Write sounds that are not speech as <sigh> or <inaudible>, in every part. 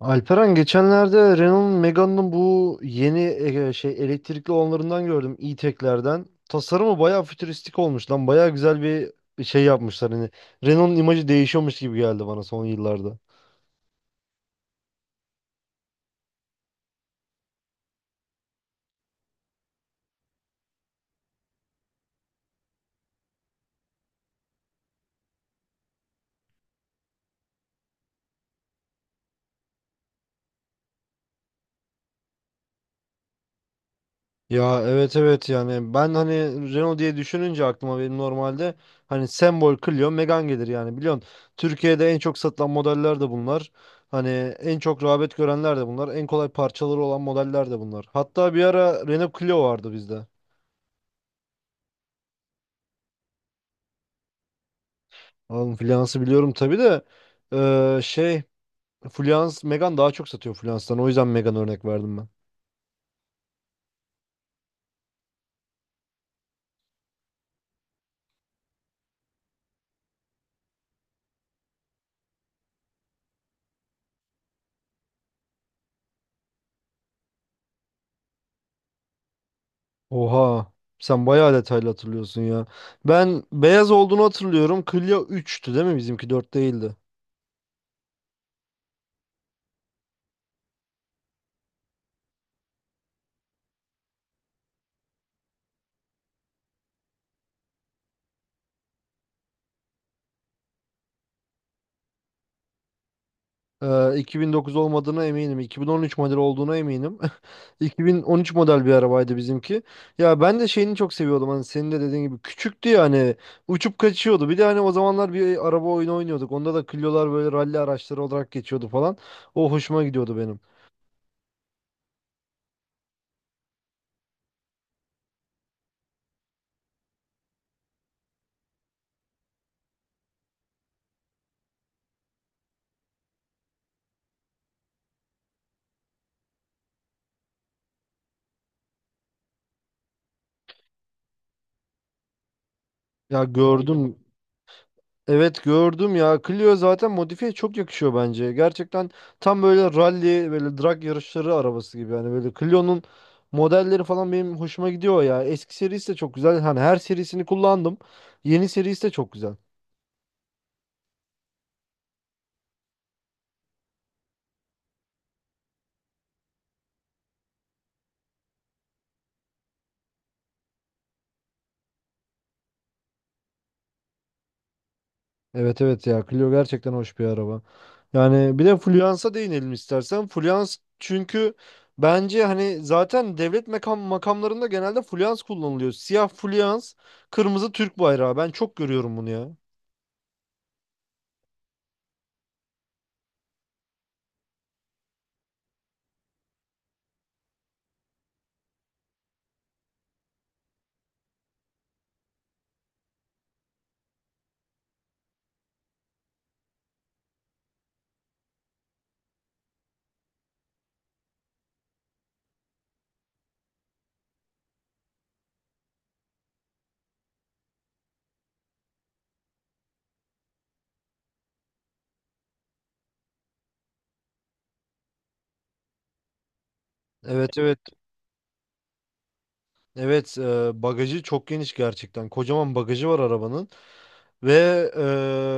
Alperen geçenlerde Renault'un Megane'ın bu yeni elektrikli olanlarından gördüm e-tech'lerden. Tasarımı bayağı fütüristik olmuş lan. Bayağı güzel bir şey yapmışlar hani. Renault'un imajı değişiyormuş gibi geldi bana son yıllarda. Ya, evet evet, yani ben hani Renault diye düşününce aklıma benim normalde hani sembol Clio Megane gelir, yani biliyorsun. Türkiye'de en çok satılan modeller de bunlar. Hani en çok rağbet görenler de bunlar. En kolay parçaları olan modeller de bunlar. Hatta bir ara Renault Clio vardı bizde. Oğlum Fluence'ı biliyorum tabii de eee, şey Fluence Megan daha çok satıyor Fluence'dan. O yüzden Megan örnek verdim ben. Oha. Sen bayağı detaylı hatırlıyorsun ya. Ben beyaz olduğunu hatırlıyorum. Clio üçtü değil mi? Bizimki 4 değildi. Ee, 2009 olmadığına eminim. 2013 model olduğuna eminim. <laughs> 2013 model bir arabaydı bizimki. Ya ben de şeyini çok seviyordum. Hani senin de dediğin gibi küçüktü ya, hani uçup kaçıyordu. Bir de hani o zamanlar bir araba oyunu oynuyorduk. Onda da Clio'lar böyle ralli araçları olarak geçiyordu falan. O hoşuma gidiyordu benim. Ya, gördüm. Evet, gördüm ya. Clio zaten modifiye çok yakışıyor bence. Gerçekten tam böyle rally, böyle drag yarışları arabası gibi. Yani böyle Clio'nun modelleri falan benim hoşuma gidiyor ya. Eski serisi de çok güzel. Hani her serisini kullandım. Yeni serisi de çok güzel. Evet evet, ya Clio gerçekten hoş bir araba. Yani bir de Fluence'a değinelim istersen. Fluence, çünkü bence hani zaten devlet makamlarında genelde Fluence kullanılıyor. Siyah Fluence, kırmızı Türk bayrağı. Ben çok görüyorum bunu ya. Evet evet. Evet, bagajı çok geniş gerçekten. Kocaman bagajı var arabanın. Ve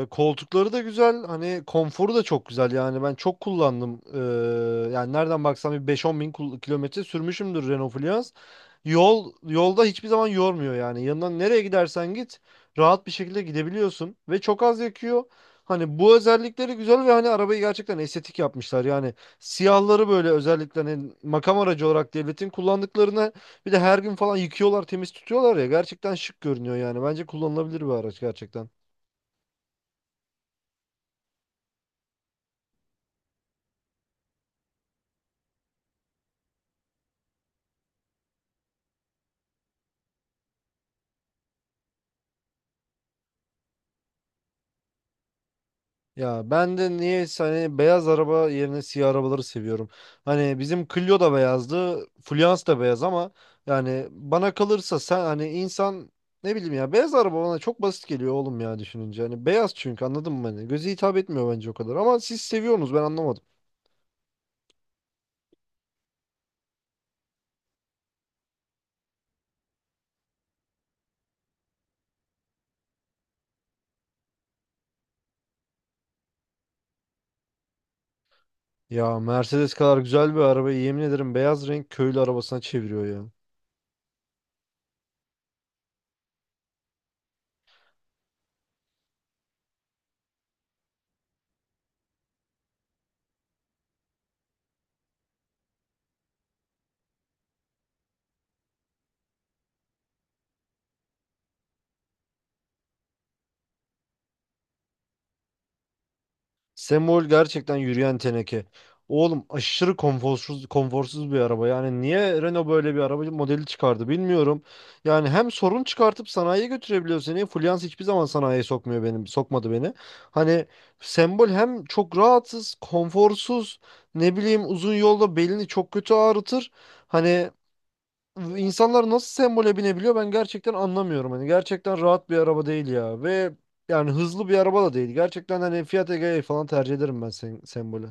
koltukları da güzel. Hani konforu da çok güzel. Yani ben çok kullandım. Yani nereden baksam bir beş on bin kilometre sürmüşümdür Renault Fluence. Yolda hiçbir zaman yormuyor yani. Yanından nereye gidersen git rahat bir şekilde gidebiliyorsun. Ve çok az yakıyor. Hani bu özellikleri güzel ve hani arabayı gerçekten estetik yapmışlar. Yani siyahları böyle özellikle hani makam aracı olarak devletin kullandıklarını bir de her gün falan yıkıyorlar, temiz tutuyorlar ya. Gerçekten şık görünüyor yani. Bence kullanılabilir bir araç gerçekten. Ya ben de niye hani beyaz araba yerine siyah arabaları seviyorum. Hani bizim Clio da beyazdı, Fluence da beyaz, ama yani bana kalırsa sen hani insan ne bileyim ya, beyaz araba bana çok basit geliyor oğlum ya, düşününce. Hani beyaz, çünkü anladın mı hani? Göze hitap etmiyor bence o kadar, ama siz seviyorsunuz, ben anlamadım. Ya Mercedes kadar güzel bir arabayı yemin ederim beyaz renk köylü arabasına çeviriyor ya. Semol gerçekten yürüyen teneke. Oğlum aşırı konforsuz, konforsuz bir araba. Yani niye Renault böyle bir araba modeli çıkardı bilmiyorum. Yani hem sorun çıkartıp sanayiye götürebiliyor seni. Fluence hiçbir zaman sanayiye sokmuyor benim, sokmadı beni. Hani Sembol hem çok rahatsız, konforsuz, ne bileyim uzun yolda belini çok kötü ağrıtır. Hani İnsanlar nasıl sembole binebiliyor ben gerçekten anlamıyorum. Hani gerçekten rahat bir araba değil ya. Ve yani hızlı bir araba da değil. Gerçekten hani Fiat Egea falan tercih ederim ben sen, sembole.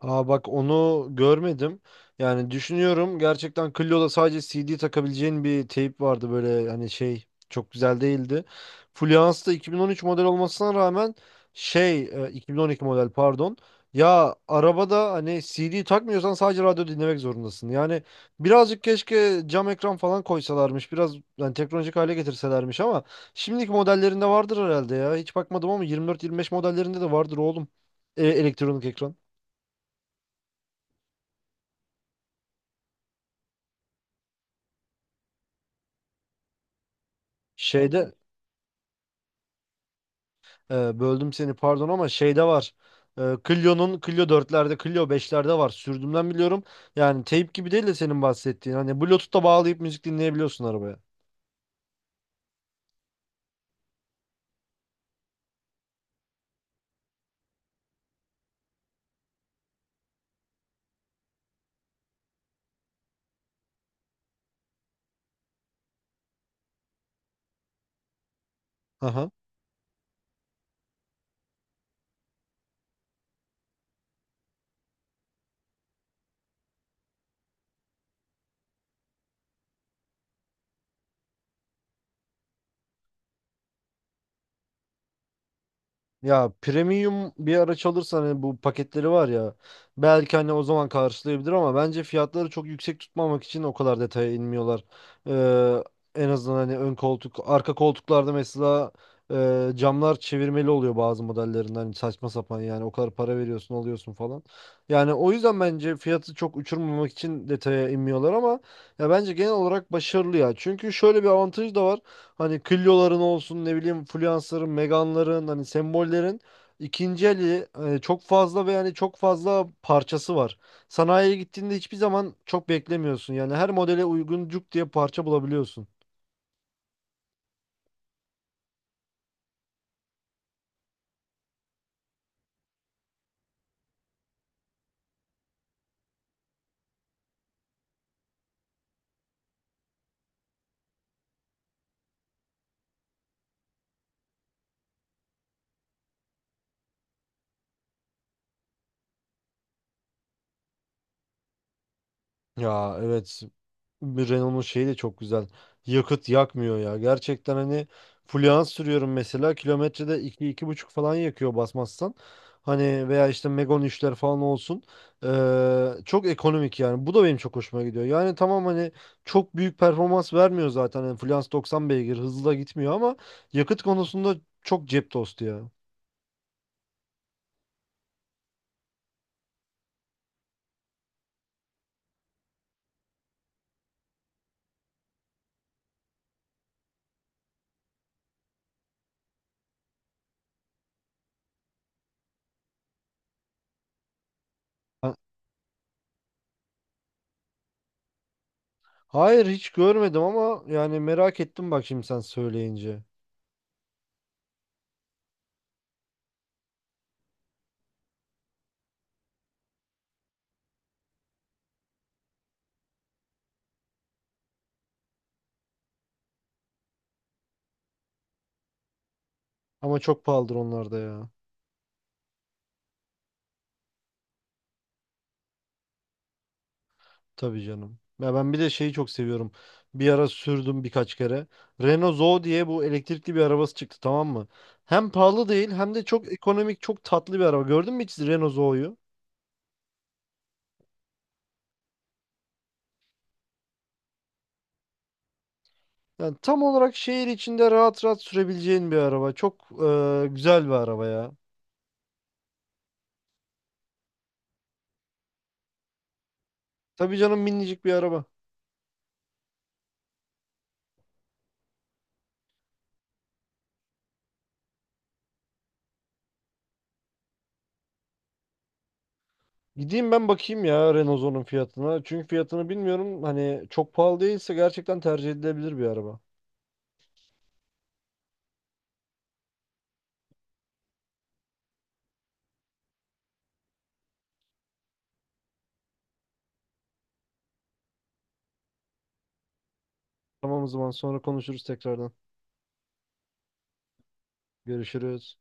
Aa, bak onu görmedim. Yani düşünüyorum, gerçekten Clio'da sadece CD takabileceğin bir teyp vardı, böyle hani şey, çok güzel değildi. Fluence da 2013 model olmasına rağmen 2012 model pardon. Ya arabada hani CD takmıyorsan sadece radyo dinlemek zorundasın. Yani birazcık keşke cam ekran falan koysalarmış. Biraz yani teknolojik hale getirselermiş ama şimdiki modellerinde vardır herhalde ya. Hiç bakmadım ama 24-25 modellerinde de vardır oğlum. Elektronik ekran. Şeyde Böldüm seni, pardon, ama şeyde var. Clio 4'lerde, Clio 5'lerde var. Sürdüğümden biliyorum. Yani teyp gibi değil de senin bahsettiğin. Hani Bluetooth'ta bağlayıp müzik dinleyebiliyorsun arabaya. Aha. Ya premium bir araç alırsan hani bu paketleri var ya, belki hani o zaman karşılayabilir, ama bence fiyatları çok yüksek tutmamak için o kadar detaya inmiyorlar. Ee, En azından hani ön koltuk, arka koltuklarda mesela camlar çevirmeli oluyor bazı modellerinden, hani saçma sapan yani, o kadar para veriyorsun alıyorsun falan. Yani o yüzden bence fiyatı çok uçurmamak için detaya inmiyorlar ama ya bence genel olarak başarılı ya. Çünkü şöyle bir avantajı da var. Hani Clio'ların olsun, ne bileyim Fluence'ların, Megane'ların, hani sembollerin ikinci eli çok fazla ve yani çok fazla parçası var. Sanayiye gittiğinde hiçbir zaman çok beklemiyorsun. Yani her modele uygun cuk diye parça bulabiliyorsun. Ya evet, bir Renault'un şeyi de çok güzel. Yakıt yakmıyor ya. Gerçekten hani fluans sürüyorum mesela. Kilometrede iki iki buçuk falan yakıyor basmazsan. Hani veya işte Megane 3'ler falan olsun. Çok ekonomik yani. Bu da benim çok hoşuma gidiyor. Yani tamam hani çok büyük performans vermiyor zaten. Yani fluans 90 beygir, hızlı da gitmiyor ama yakıt konusunda çok cep tostu ya. Ha- Hayır, hiç görmedim ama yani merak ettim bak şimdi sen söyleyince. Ama çok pahalıdır onlar da ya. Tabii canım. Ya ben bir de şeyi çok seviyorum. Bir ara sürdüm birkaç kere. Renault Zoe diye bu elektrikli bir arabası çıktı, tamam mı? Hem pahalı değil hem de çok ekonomik, çok tatlı bir araba. Gördün mü hiç Renault Zoe'yu? Yani tam olarak şehir içinde rahat rahat sürebileceğin bir araba. Çok güzel bir araba ya. Tabii canım, minicik bir araba. Gideyim ben bakayım ya Renault Zoe'nun fiyatına. Çünkü fiyatını bilmiyorum. Hani çok pahalı değilse gerçekten tercih edilebilir bir araba. Tamam, o zaman sonra konuşuruz tekrardan. Görüşürüz.